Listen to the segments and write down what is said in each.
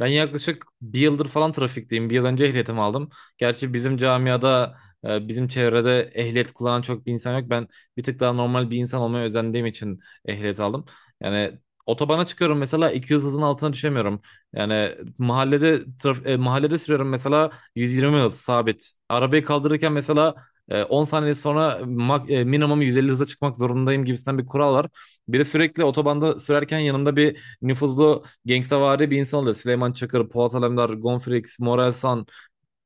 Ben yaklaşık bir yıldır falan trafikteyim. Bir yıl önce ehliyetimi aldım. Gerçi bizim camiada, bizim çevrede ehliyet kullanan çok bir insan yok. Ben bir tık daha normal bir insan olmaya özendiğim için ehliyet aldım. Yani otobana çıkıyorum mesela 200 hızın altına düşemiyorum. Yani mahallede mahallede sürüyorum mesela 120 hız sabit. Arabayı kaldırırken mesela 10 saniye sonra minimum 150 hıza çıkmak zorundayım gibisinden bir kural var. Biri sürekli otobanda sürerken yanımda bir nüfuzlu gangstavari bir insan oluyor. Süleyman Çakır, Polat Alemdar, Gonfrix, Morel San,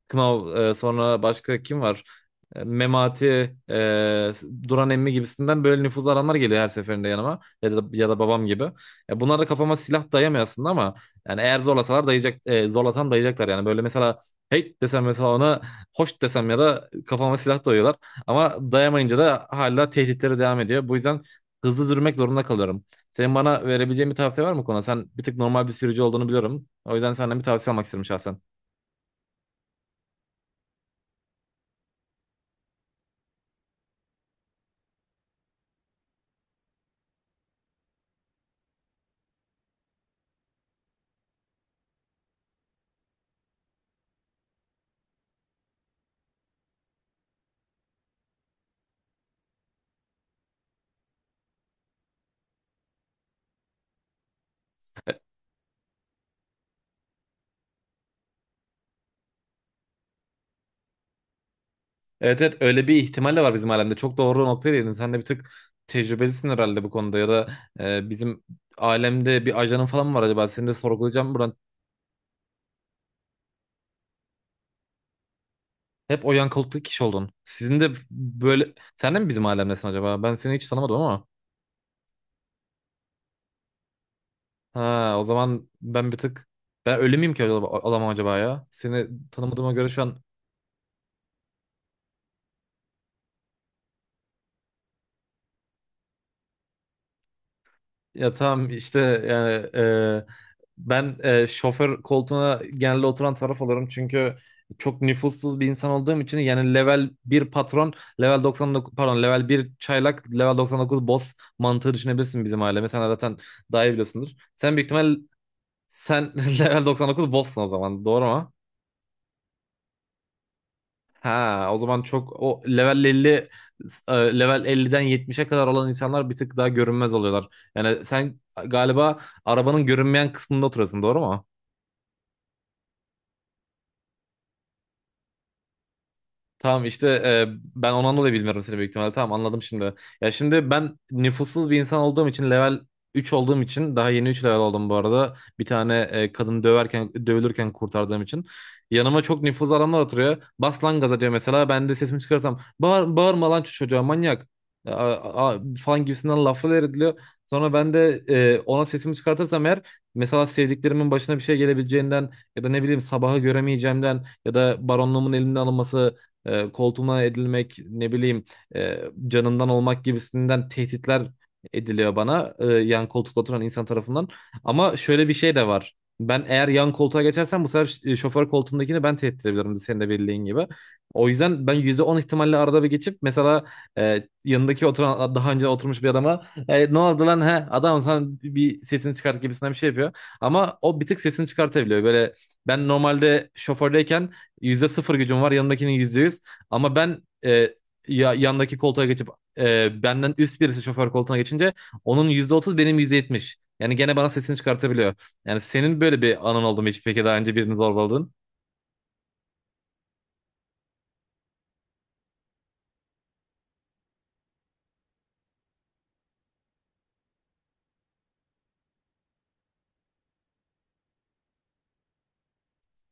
Knov, sonra başka kim var? Memati, Duran emmi gibisinden böyle nüfuzlu adamlar geliyor her seferinde yanıma. Ya da babam gibi. Bunlar da kafama silah dayamıyor aslında, ama yani eğer zorlasam dayayacaklar yani. Böyle mesela hey desem, mesela ona hoş desem, ya da kafama silah dayıyorlar. Ama dayamayınca da hala tehditleri devam ediyor. Bu yüzden hızlı durmak zorunda kalıyorum. Senin bana verebileceğin bir tavsiye var mı bu konuda? Sen bir tık normal bir sürücü olduğunu biliyorum. O yüzden senden bir tavsiye almak istedim şahsen. Evet, evet, öyle bir ihtimal de var bizim alemde. Çok doğru noktaya değindin. Sen de bir tık tecrübelisin herhalde bu konuda, ya da bizim alemde bir ajanın falan mı var acaba? Seni de sorgulayacağım buradan. Hep o yankalıklı kişi oldun. Sizin de böyle... Sen de mi bizim alemdesin acaba? Ben seni hiç tanımadım ama. Ha, o zaman ben bir tık... Ben ölü müyüm ki acaba, alamam acaba ya? Seni tanımadığıma göre şu an... Ya tamam işte, yani, ben şoför koltuğuna genelde oturan taraf olurum, çünkü çok nüfussuz bir insan olduğum için. Yani level bir patron, level 99, pardon, level bir çaylak, level 99 boss mantığı düşünebilirsin bizim aileme. Sen zaten daha iyi biliyorsundur. Sen büyük ihtimal, sen level 99 boss'sun, o zaman doğru mu? Ha, o zaman, çok o level 50, e, level 50'den 70'e kadar olan insanlar bir tık daha görünmez oluyorlar. Yani sen galiba arabanın görünmeyen kısmında oturuyorsun, doğru mu? Tamam işte, ben ondan dolayı bilmiyorum seni büyük ihtimalle. Tamam, anladım şimdi. Ya şimdi ben nüfussuz bir insan olduğum için, level 3 olduğum için, daha yeni 3 level oldum bu arada. Bir tane kadın döverken dövülürken kurtardığım için. Yanıma çok nüfuzlu adamlar oturuyor. Bas lan gaza diyor mesela. Ben de sesimi çıkarsam bağır, bağırma lan şu çocuğa manyak falan gibisinden laflar ediliyor. Sonra ben de ona sesimi çıkartırsam eğer, mesela sevdiklerimin başına bir şey gelebileceğinden ya da ne bileyim sabahı göremeyeceğimden ya da baronluğumun elimden alınması, koltuğuma edilmek, ne bileyim, e, canımdan olmak gibisinden tehditler ediliyor bana, yan koltukta oturan insan tarafından. Ama şöyle bir şey de var. Ben eğer yan koltuğa geçersem, bu sefer şoför koltuğundakini ben tehdit edebilirim, senin de bildiğin gibi. O yüzden ben %10 ihtimalle arada bir geçip mesela, yanındaki oturan daha önce oturmuş bir adama, ne oldu lan he adam, sen bir sesini çıkart gibisinden bir şey yapıyor. Ama o bir tık sesini çıkartabiliyor. Böyle, ben normalde şofördeyken %0 gücüm var, yanındakinin %100. Ama ben, yandaki koltuğa geçip, benden üst birisi şoför koltuğuna geçince, onun %30, benim %70. Yani gene bana sesini çıkartabiliyor. Yani senin böyle bir anın oldu mu hiç peki, daha önce birini zorbaladın?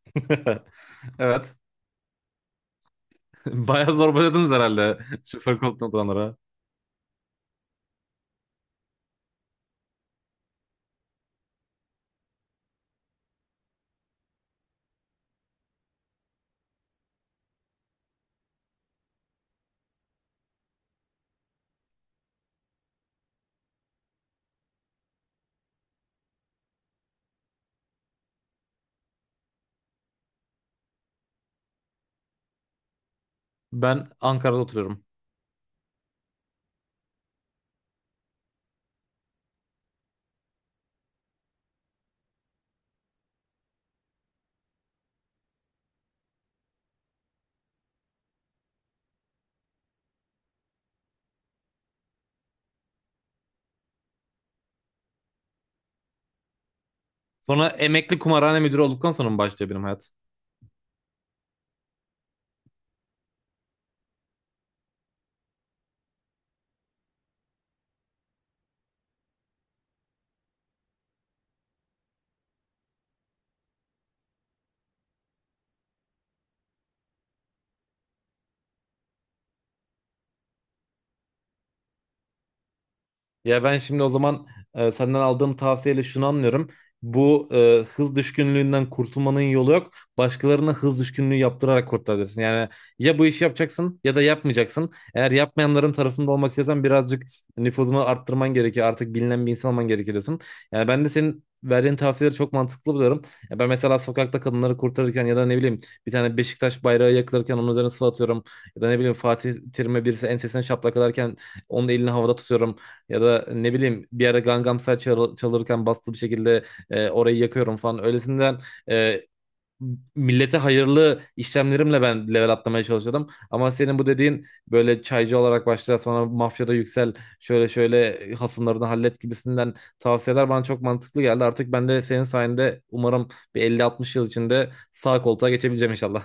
Evet. Bayağı zorbaladınız herhalde şoför koltuğuna oturanlara. Ben Ankara'da oturuyorum. Sonra emekli kumarhane müdürü olduktan sonra mı başlıyor benim hayat? Ya ben şimdi o zaman, senden aldığım tavsiyeyle şunu anlıyorum. Bu hız düşkünlüğünden kurtulmanın yolu yok. Başkalarına hız düşkünlüğü yaptırarak kurtarabilirsin. Yani ya bu işi yapacaksın ya da yapmayacaksın. Eğer yapmayanların tarafında olmak istiyorsan, birazcık nüfuzunu arttırman gerekiyor. Artık bilinen bir insan olman gerekiyor diyorsun. Yani ben de senin verdiğin tavsiyeleri çok mantıklı buluyorum. Ya ben mesela sokakta kadınları kurtarırken, ya da ne bileyim, bir tane Beşiktaş bayrağı yakılırken onun üzerine su atıyorum. Ya da ne bileyim, Fatih Terim'e birisi ensesine şaplak atarken onun elini havada tutuyorum. Ya da ne bileyim, bir ara Gangnam Style çalırken, bastı bir şekilde orayı yakıyorum falan. Öylesinden, e, millete hayırlı işlemlerimle ben level atlamaya çalışıyordum. Ama senin bu dediğin, böyle çaycı olarak başla, sonra mafyada yüksel, şöyle şöyle hasımlarını hallet gibisinden tavsiyeler bana çok mantıklı geldi. Artık ben de senin sayende, umarım bir 50-60 yıl içinde sağ koltuğa geçebileceğim inşallah.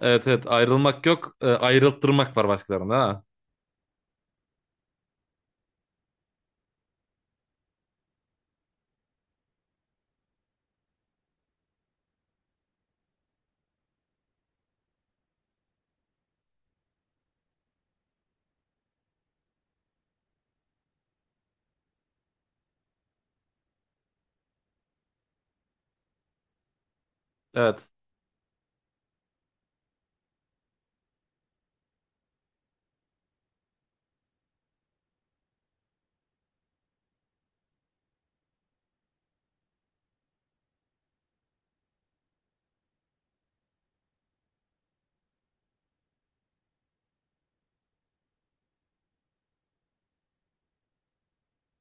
Evet, evet, ayrılmak yok, ayrılttırmak var başkalarında, ha. Evet.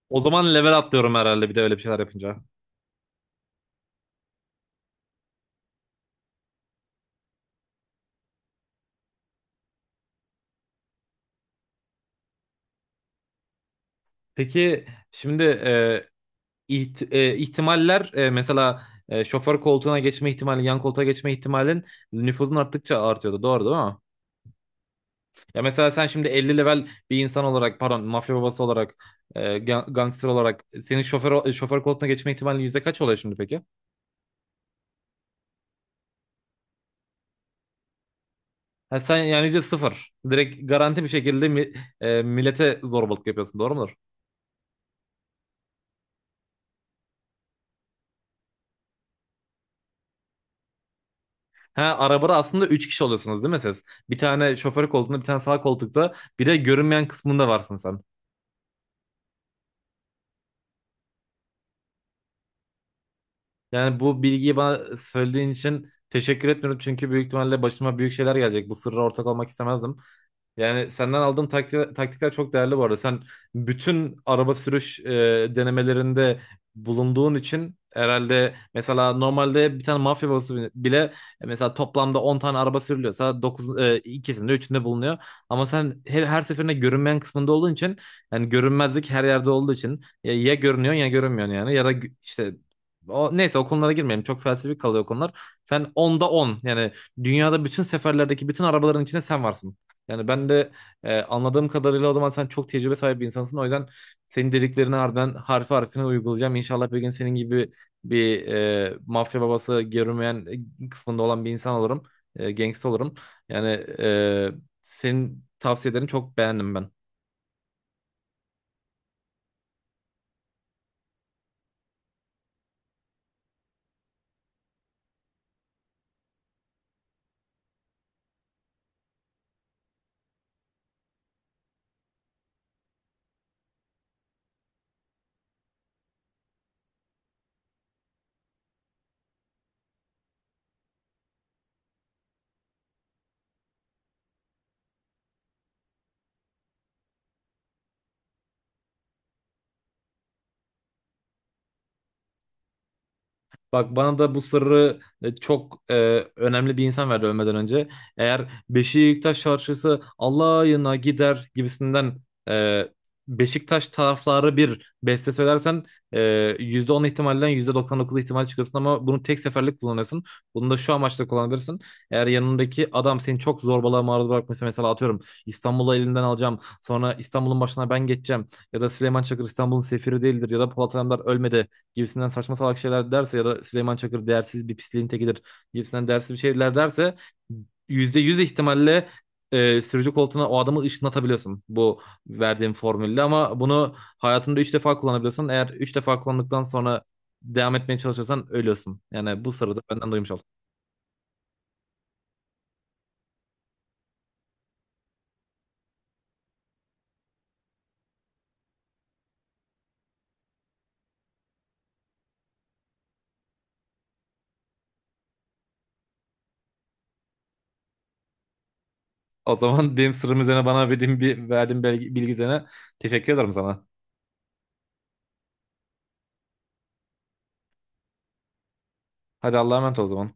O zaman level atlıyorum herhalde bir de öyle bir şeyler yapınca. Peki şimdi, ihtimaller, mesela, şoför koltuğuna geçme ihtimali, yan koltuğa geçme ihtimalin nüfuzun arttıkça artıyordu. Doğru değil mi? Ya mesela sen şimdi 50 level bir insan olarak, pardon, mafya babası olarak, gangster olarak, senin şoför koltuğuna geçme ihtimalin yüzde kaç oluyor şimdi peki? Ha, sen yani %0. Direkt garanti bir şekilde millete zorbalık yapıyorsun, doğru mudur? Ha, arabada aslında üç kişi oluyorsunuz değil mi siz? Bir tane şoför koltuğunda, bir tane sağ koltukta, bir de görünmeyen kısmında varsın sen. Yani bu bilgiyi bana söylediğin için teşekkür etmiyorum. Çünkü büyük ihtimalle başıma büyük şeyler gelecek. Bu sırra ortak olmak istemezdim. Yani senden aldığım taktikler çok değerli bu arada. Sen bütün araba sürüş denemelerinde bulunduğun için herhalde, mesela normalde bir tane mafya babası bile bile, mesela toplamda 10 tane araba sürülüyorsa, dokuz, ikisinde üçünde bulunuyor. Ama sen her seferinde görünmeyen kısmında olduğun için, yani görünmezlik her yerde olduğu için, ya görünüyorsun ya görünmüyorsun, yani ya da işte, o, neyse, o konulara girmeyelim. Çok felsefik kalıyor o konular. Sen onda 10 yani dünyada bütün seferlerdeki bütün arabaların içinde sen varsın. Yani ben de, anladığım kadarıyla, o zaman sen çok tecrübe sahibi bir insansın. O yüzden senin dediklerini harbiden harfi harfine uygulayacağım. İnşallah bir gün senin gibi bir mafya babası, görünmeyen kısmında olan bir insan olurum. Gangsta olurum. Yani, e, senin tavsiyelerini çok beğendim ben. Bak, bana da bu sırrı, çok önemli bir insan verdi ölmeden önce. Eğer Beşiktaş şarkısı Allah'ına gider gibisinden, e, Beşiktaş tarafları bir beste söylersen, e, %10 ihtimalden %99 ihtimal çıkıyorsun, ama bunu tek seferlik kullanıyorsun. Bunu da şu amaçla kullanabilirsin. Eğer yanındaki adam seni çok zorbalığa maruz bırakmışsa, mesela atıyorum İstanbul'u elinden alacağım, sonra İstanbul'un başına ben geçeceğim, ya da Süleyman Çakır İstanbul'un sefiri değildir ya da Polat Alemdar ölmedi gibisinden saçma salak şeyler derse, ya da Süleyman Çakır değersiz bir pisliğin tekidir gibisinden değersiz bir şeyler derse, %100 ihtimalle, sürücü koltuğuna o adamı ışınlatabiliyorsun bu verdiğim formülle, ama bunu hayatında 3 defa kullanabiliyorsun. Eğer 3 defa kullandıktan sonra devam etmeye çalışırsan ölüyorsun. Yani bu sırrı da benden duymuş oldun. O zaman benim sırrım üzerine bana verdiğin bilgi üzerine teşekkür ederim sana. Hadi Allah'a emanet ol o zaman.